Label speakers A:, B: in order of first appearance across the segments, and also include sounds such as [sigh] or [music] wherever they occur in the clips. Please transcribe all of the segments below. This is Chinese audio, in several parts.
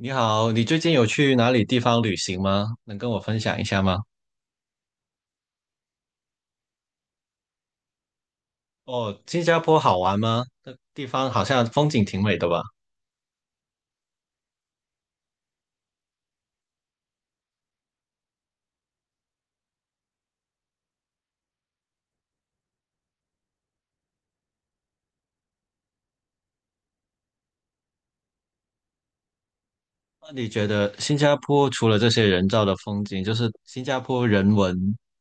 A: 你好，你最近有去哪里地方旅行吗？能跟我分享一下吗？哦，新加坡好玩吗？那地方好像风景挺美的吧？那你觉得新加坡除了这些人造的风景，就是新加坡人文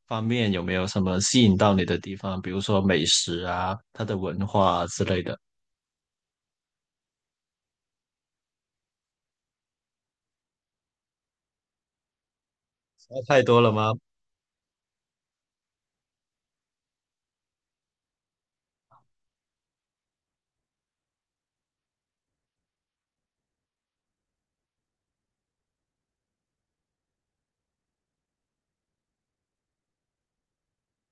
A: 方面有没有什么吸引到你的地方？比如说美食啊，它的文化啊之类的，太多了吗？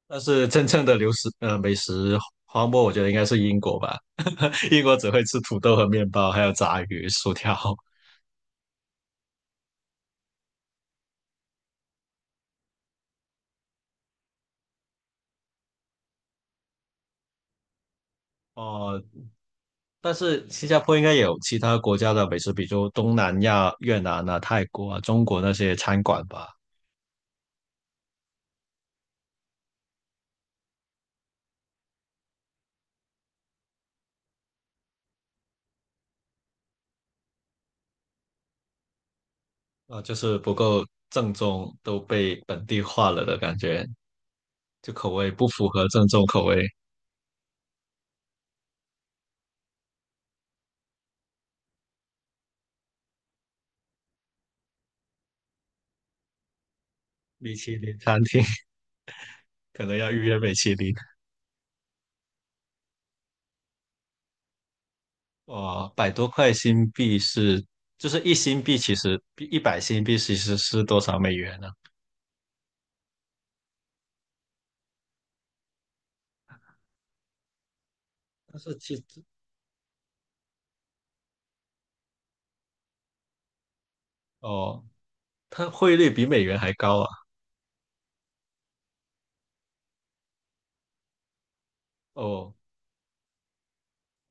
A: 但是真正的美食荒漠，我觉得应该是英国吧。[laughs] 英国只会吃土豆和面包，还有炸鱼、薯条。[laughs] 哦，但是新加坡应该也有其他国家的美食，比如东南亚、越南啊、泰国啊、中国那些餐馆吧，啊，就是不够正宗，都被本地化了的感觉，就口味不符合正宗口味。米其林餐厅 [laughs] 可能要预约米其林，哦，百多块新币是，就是1新币其实100新币其实是多少美元呢、但是其实哦，它汇率比美元还高啊。哦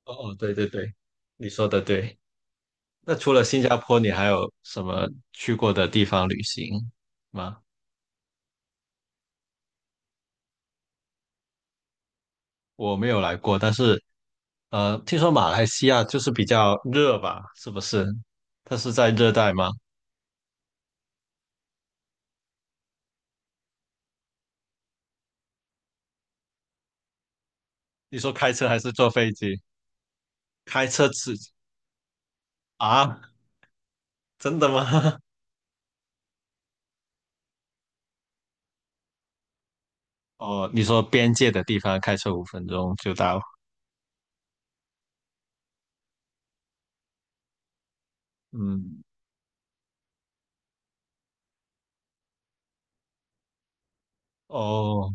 A: 哦哦，对对对，你说的对。那除了新加坡，你还有什么去过的地方旅行吗？我没有来过，但是听说马来西亚就是比较热吧？是不是？它是在热带吗？你说开车还是坐飞机？开车只啊？真的吗？[laughs] 哦，你说边界的地方开车5分钟就到。嗯，哦，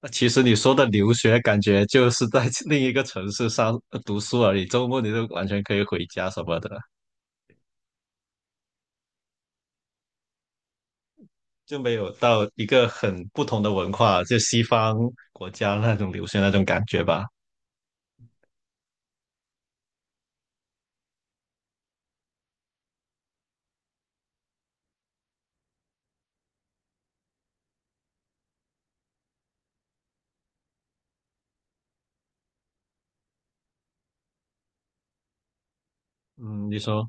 A: 那其实你说的留学，感觉就是在 [laughs] 另一个城市上读书而已，周末你就完全可以回家什么的。就没有到一个很不同的文化，就西方国家那种流行那种感觉吧。嗯，你说。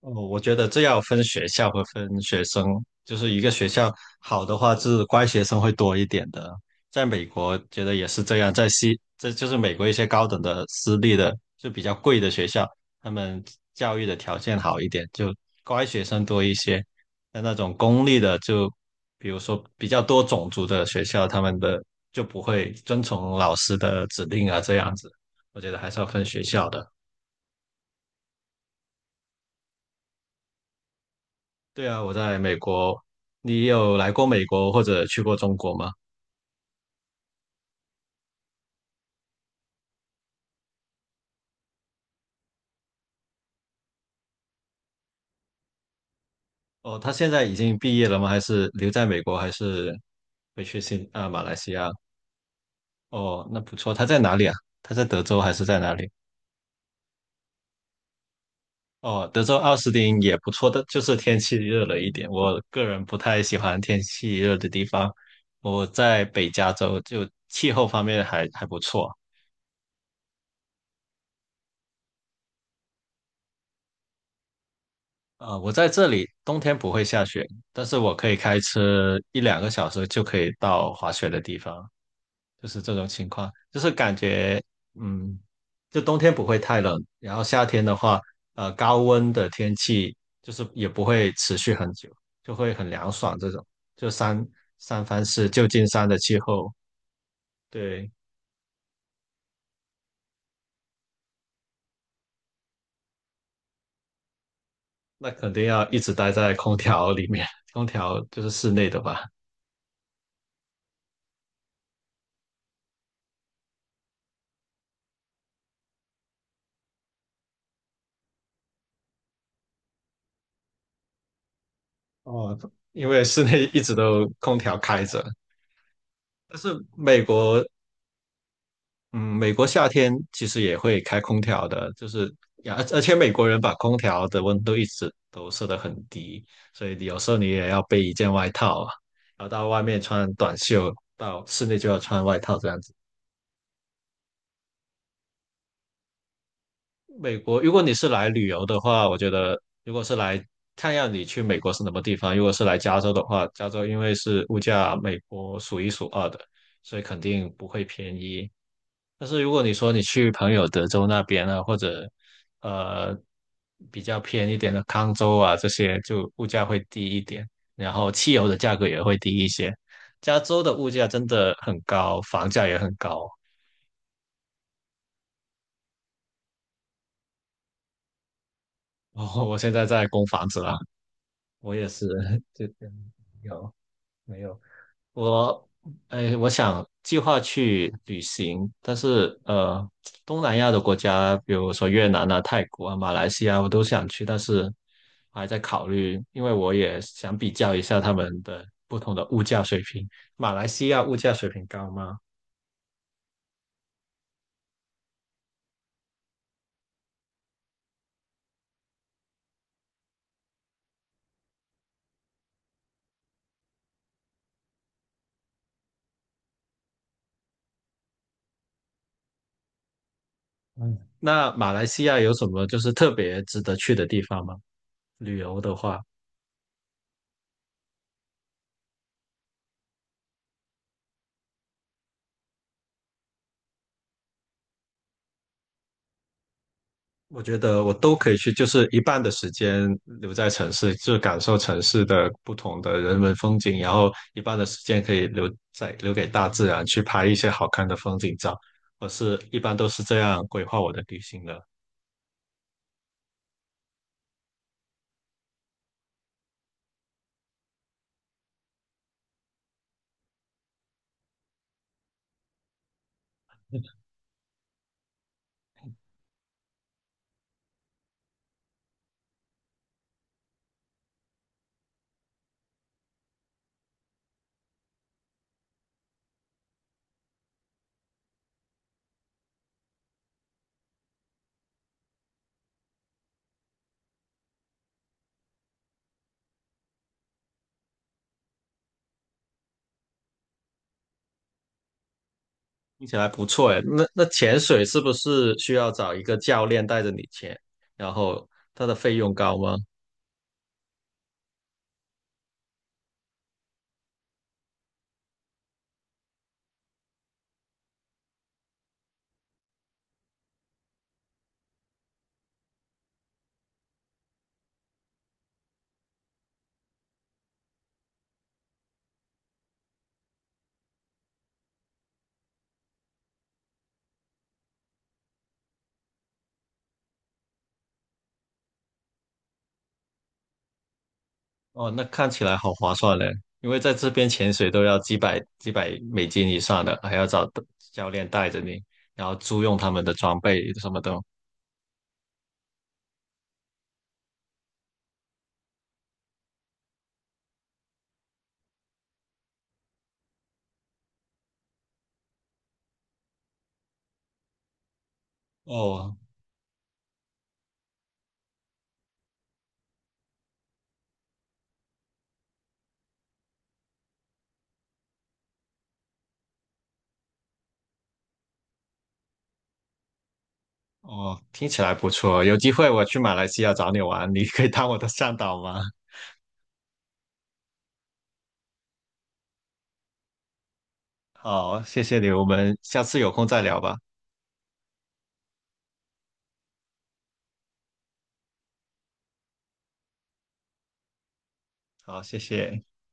A: 哦，我觉得这要分学校和分学生，就是一个学校好的话是乖学生会多一点的，在美国觉得也是这样，在西，这就是美国一些高等的私立的就比较贵的学校，他们教育的条件好一点，就乖学生多一些。但那种公立的就，比如说比较多种族的学校，他们的就不会遵从老师的指令啊，这样子，我觉得还是要分学校的。对啊，我在美国。你有来过美国或者去过中国吗？哦，他现在已经毕业了吗？还是留在美国，还是回去马来西亚？哦，那不错。他在哪里啊？他在德州还是在哪里？哦，德州奥斯汀也不错的，就是天气热了一点。我个人不太喜欢天气热的地方。我在北加州，就气候方面还不错。啊。我在这里冬天不会下雪，但是我可以开车一两个小时就可以到滑雪的地方。就是这种情况，就是感觉嗯，就冬天不会太冷，然后夏天的话，高温的天气就是也不会持续很久，就会很凉爽这种。就三藩市旧金山的气候，对，那肯定要一直待在空调里面，空调就是室内的吧？哦，因为室内一直都空调开着，但是美国嗯，美国夏天其实也会开空调的，就是呀，而且美国人把空调的温度一直都设得很低，所以你有时候你也要备一件外套啊，然后到外面穿短袖，到室内就要穿外套这样子。美国，如果你是来旅游的话，我觉得如果是来看样你去美国是什么地方，如果是来加州的话，加州因为是物价美国数一数二的，所以肯定不会便宜。但是如果你说你去朋友德州那边啊，或者呃比较偏一点的康州啊，这些就物价会低一点，然后汽油的价格也会低一些。加州的物价真的很高，房价也很高。[laughs] 哦，我现在在供房子啦，我也是，[laughs] 就有没有我，哎，我想计划去旅行，但是东南亚的国家，比如说越南啊、泰国啊、马来西亚，我都想去，但是还在考虑，因为我也想比较一下他们的不同的物价水平。马来西亚物价水平高吗？嗯，那马来西亚有什么就是特别值得去的地方吗？旅游的话。我觉得我都可以去，就是一半的时间留在城市，就是感受城市的不同的人文风景，然后一半的时间可以留在留给大自然，去拍一些好看的风景照。我是一般都是这样规划我的旅行的，听起来不错诶。那潜水是不是需要找一个教练带着你潜？然后它的费用高吗？哦，那看起来好划算嘞，因为在这边潜水都要几百几百美金以上的，还要找教练带着你，然后租用他们的装备什么的。哦哦，听起来不错，有机会我去马来西亚找你玩，你可以当我的向导吗？好，谢谢你，我们下次有空再聊吧。好，谢谢。